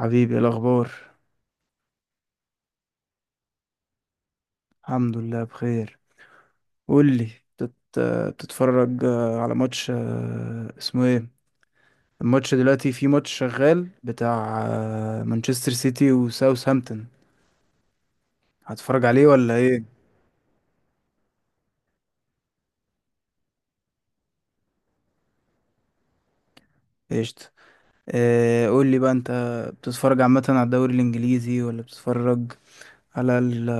حبيبي، إيه الأخبار؟ الحمد لله بخير. قول لي. بتت... بتتفرج على ماتش، اسمه ايه؟ الماتش دلوقتي، في ماتش شغال بتاع مانشستر سيتي وساوثهامبتون. هتتفرج عليه ولا ايه؟ قشطة. قول لي بقى انت. بتتفرج عامة على الدوري الإنجليزي ولا بتتفرج على ال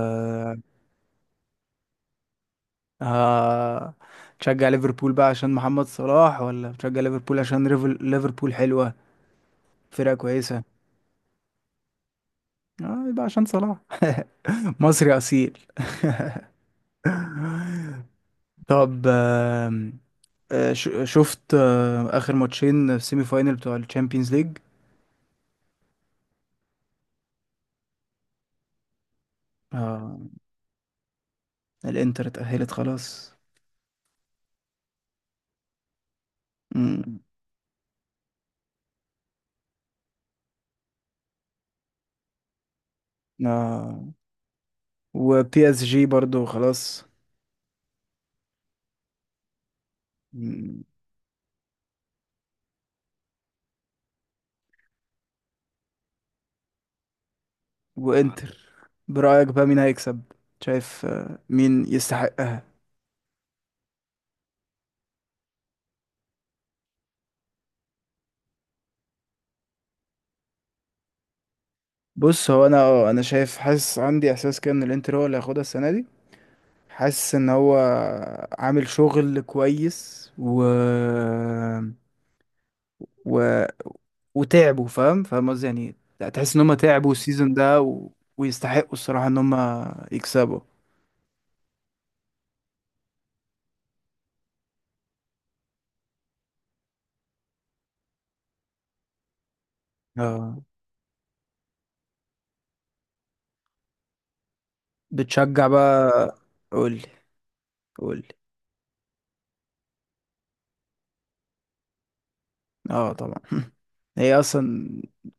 آه، تشجع ليفربول بقى عشان محمد صلاح ولا بتشجع ليفربول عشان ليفربول حلوة؟ فرقة كويسة؟ اه، يبقى عشان صلاح. مصري اصيل. طب. شفت اخر ماتشين في سيمي فاينل بتوع الشامبيونز ليج؟ آه. الانتر اتأهلت خلاص. مم. آه وبي اس جي برضو خلاص. مم. وانتر. برأيك بقى مين هيكسب؟ شايف مين يستحقها؟ بص، هو انا شايف، حاسس، عندي احساس كده ان الانتر هو اللي هياخدها السنة دي. حاسس ان هو عامل شغل كويس و، و... وتعبوا، فاهم فاهم قصدي يعني. تحس ان هم تعبوا السيزون ده ويستحقوا الصراحة ان هم يكسبوا. اه، بتشجع بقى؟ قولي. قولي. اه، طبعا. هي اصلا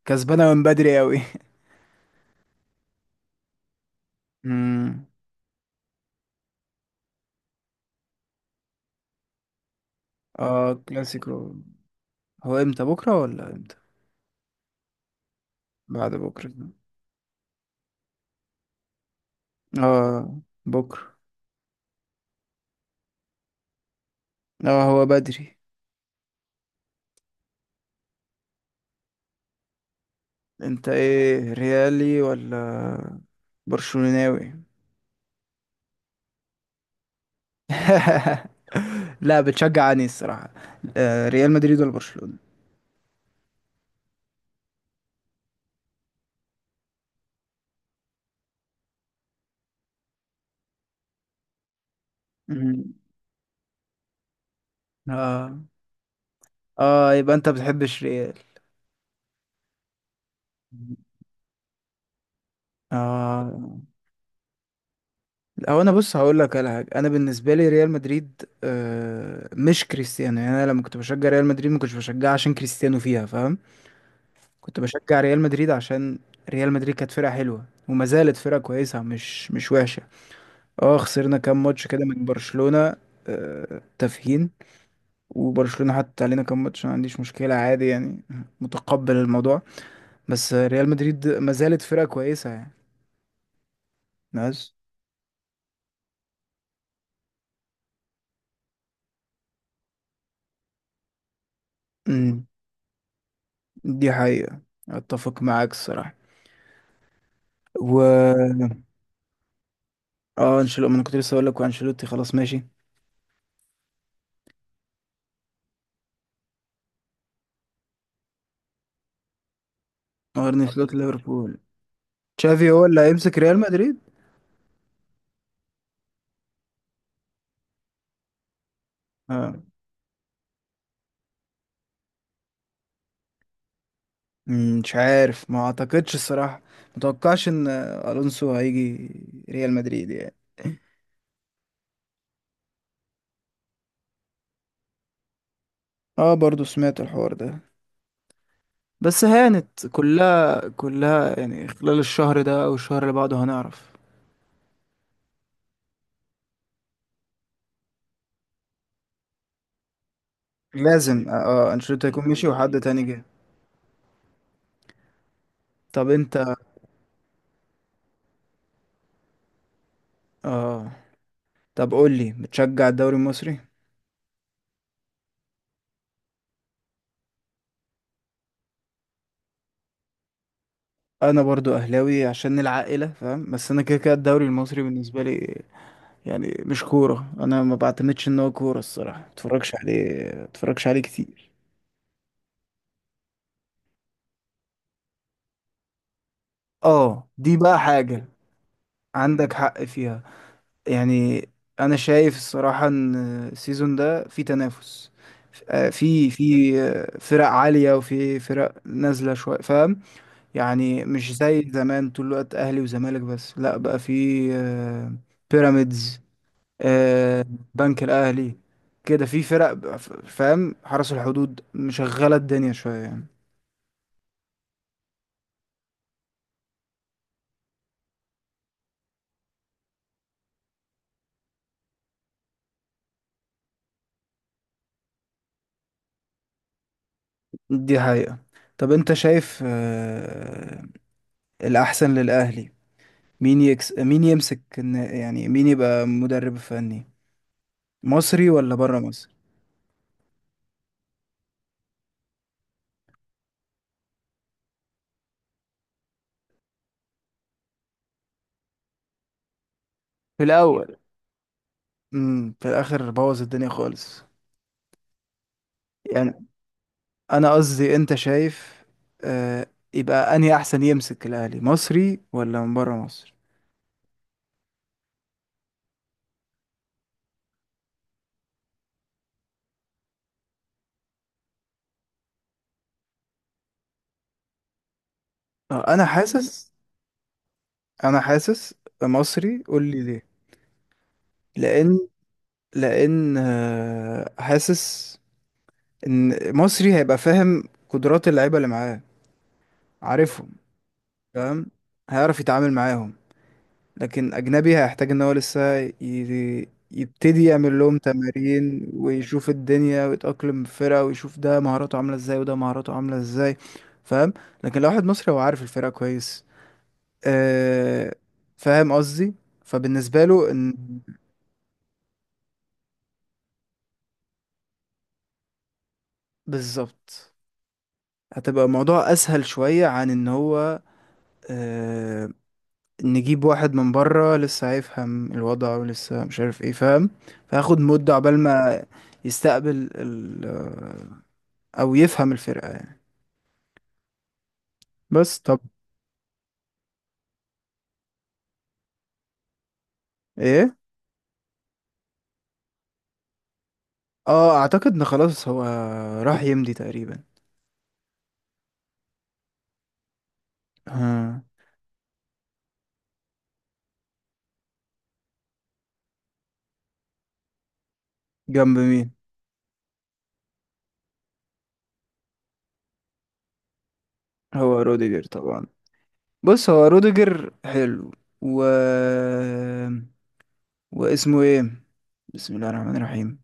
كسبانة من بدري قوي. امم. اه، كلاسيكو. هو امتى؟ بكرة ولا امتى؟ بعد بكرة. اه، بكرة. اه، هو بدري. انت ايه، ريالي ولا برشلوناوي؟ لا، بتشجع اني الصراحة، ريال مدريد ولا برشلونة؟ مم. اه. اه، يبقى انت بتحبش ريال؟ مم. اه. هو انا بص، هقول لك على حاجه. انا بالنسبه لي ريال مدريد مش كريستيانو، يعني انا لما كنت بشجع ريال مدريد، ما كنتش بشجعها عشان كريستيانو فيها، فاهم؟ كنت بشجع ريال مدريد عشان ريال مدريد كانت فرقه حلوه، وما زالت فرقه كويسه، مش وحشه. اه، خسرنا كام ماتش كده من برشلونة، تافهين. وبرشلونة حتى علينا كام ماتش، ما عنديش مشكلة عادي يعني. متقبل الموضوع. بس ريال مدريد ما زالت فرقة كويسة يعني. ناس. مم، دي حقيقة. اتفق معاك الصراحة. و اه، انشيلوتي. ما انا كنت لسه اقول لك، وانشيلوتي خلاص ماشي. ارني سلوت ليفربول. تشافي هو اللي هيمسك ريال مدريد؟ اه. مم، مش عارف، ما اعتقدش الصراحة. متوقعش ان الونسو هيجي ريال مدريد يعني. اه، برضو سمعت الحوار ده. بس هانت كلها كلها يعني، خلال الشهر ده او الشهر اللي بعده هنعرف. لازم اه انشيلوتي يكون مشي وحد تاني جه. طب انت. اه. طب، قول لي، بتشجع الدوري المصري؟ انا برضو اهلاوي عشان العائله، فاهم؟ بس انا كده كده الدوري المصري بالنسبه لي يعني مش كوره، انا ما بعتمدش ان هو كوره الصراحه، ما اتفرجش عليه، ما اتفرجش عليه كتير. اه، دي بقى حاجه عندك حق فيها. يعني انا شايف الصراحة ان السيزون ده في تنافس، في فرق عالية وفي فرق نازلة شوية، فاهم؟ يعني مش زي زمان، طول الوقت اهلي وزمالك بس، لا بقى في آه، بيراميدز، آه، بنك الاهلي، كده في فرق فاهم، حرس الحدود مشغلة الدنيا شوية يعني. دي حقيقة. طب انت شايف الاحسن للاهلي، مين يمسك يعني مين يبقى مدرب فني مصري ولا بره مصر؟ في الاول في الاخر بوظ الدنيا خالص. يعني انا قصدي، انت شايف آه يبقى انهي احسن يمسك الاهلي، مصري ولا من بره مصر؟ آه انا حاسس انا حاسس، مصري، قول لي ليه. لان لان حاسس ان مصري هيبقى فاهم قدرات اللعيبه اللي معاه، عارفهم. فاهم؟ هيعرف يتعامل معاهم. لكن أجنبي هيحتاج إن هو لسه يبتدي يعمل لهم تمارين ويشوف الدنيا ويتأقلم في فرقة ويشوف ده مهاراته عاملة إزاي، وده مهاراته عاملة إزاي. فاهم؟ لكن لو واحد مصري، هو عارف الفرقة كويس. آه. فاهم قصدي؟ فبالنسبة له إن بالظبط، هتبقى الموضوع أسهل شوية عن إن هو آه نجيب واحد من بره لسه هيفهم الوضع، ولسه مش عارف ايه، فاهم؟ فهاخد مدة عقبال ما يستقبل او يفهم الفرقة يعني. بس طب. ايه؟ اه، اعتقد ان خلاص هو راح يمضي تقريبا. ها؟ جنب مين؟ هو روديجر طبعا. بص، هو روديجر حلو. و واسمه ايه؟ بسم الله الرحمن الرحيم.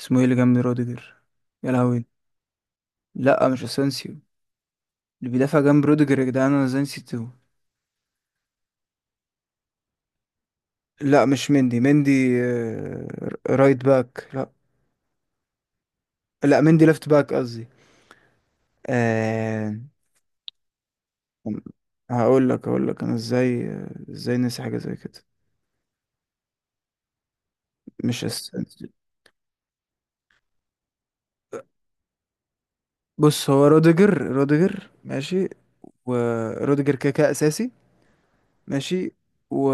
اسمه ايه اللي جنب روديجر؟ يا لهوي. لا، مش اسانسيو. اللي بيدافع جنب روديجر، يا جدعان انا ازاي نسيته؟ لا، مش مندي آه، رايت باك، لا. لا، مندي ليفت باك قصدي. آه هقول لك انا ازاي، ازاي نسي حاجه زي كده؟ مش أس... بص، هو روديجر ماشي. وروديجر كده كده اساسي. ماشي. و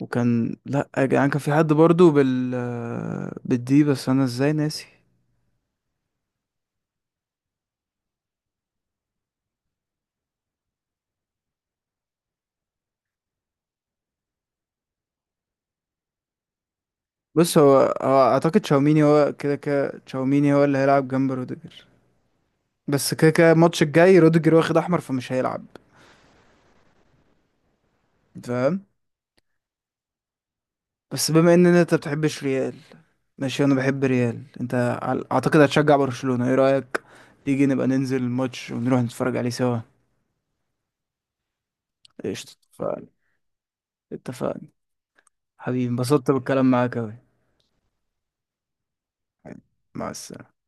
وكان، لا يا جدعان، كان في حد برضو بالدي، بس انا ازاي ناسي؟ بص، هو اعتقد تشاوميني، هو كده كده تشاوميني هو اللي هيلعب جنب روديجر. بس كده كده، الماتش الجاي روديجر واخد احمر فمش هيلعب. أنت فاهم؟ بس بما ان انت بتحبش ريال، ماشي انا بحب ريال. انت اعتقد هتشجع برشلونة، ايه رأيك؟ تيجي نبقى ننزل الماتش ونروح نتفرج عليه سوا؟ قشطة، اتفقنا. اتفقنا. حبيبي، انبسطت بالكلام معاك اوي. مع السلامة.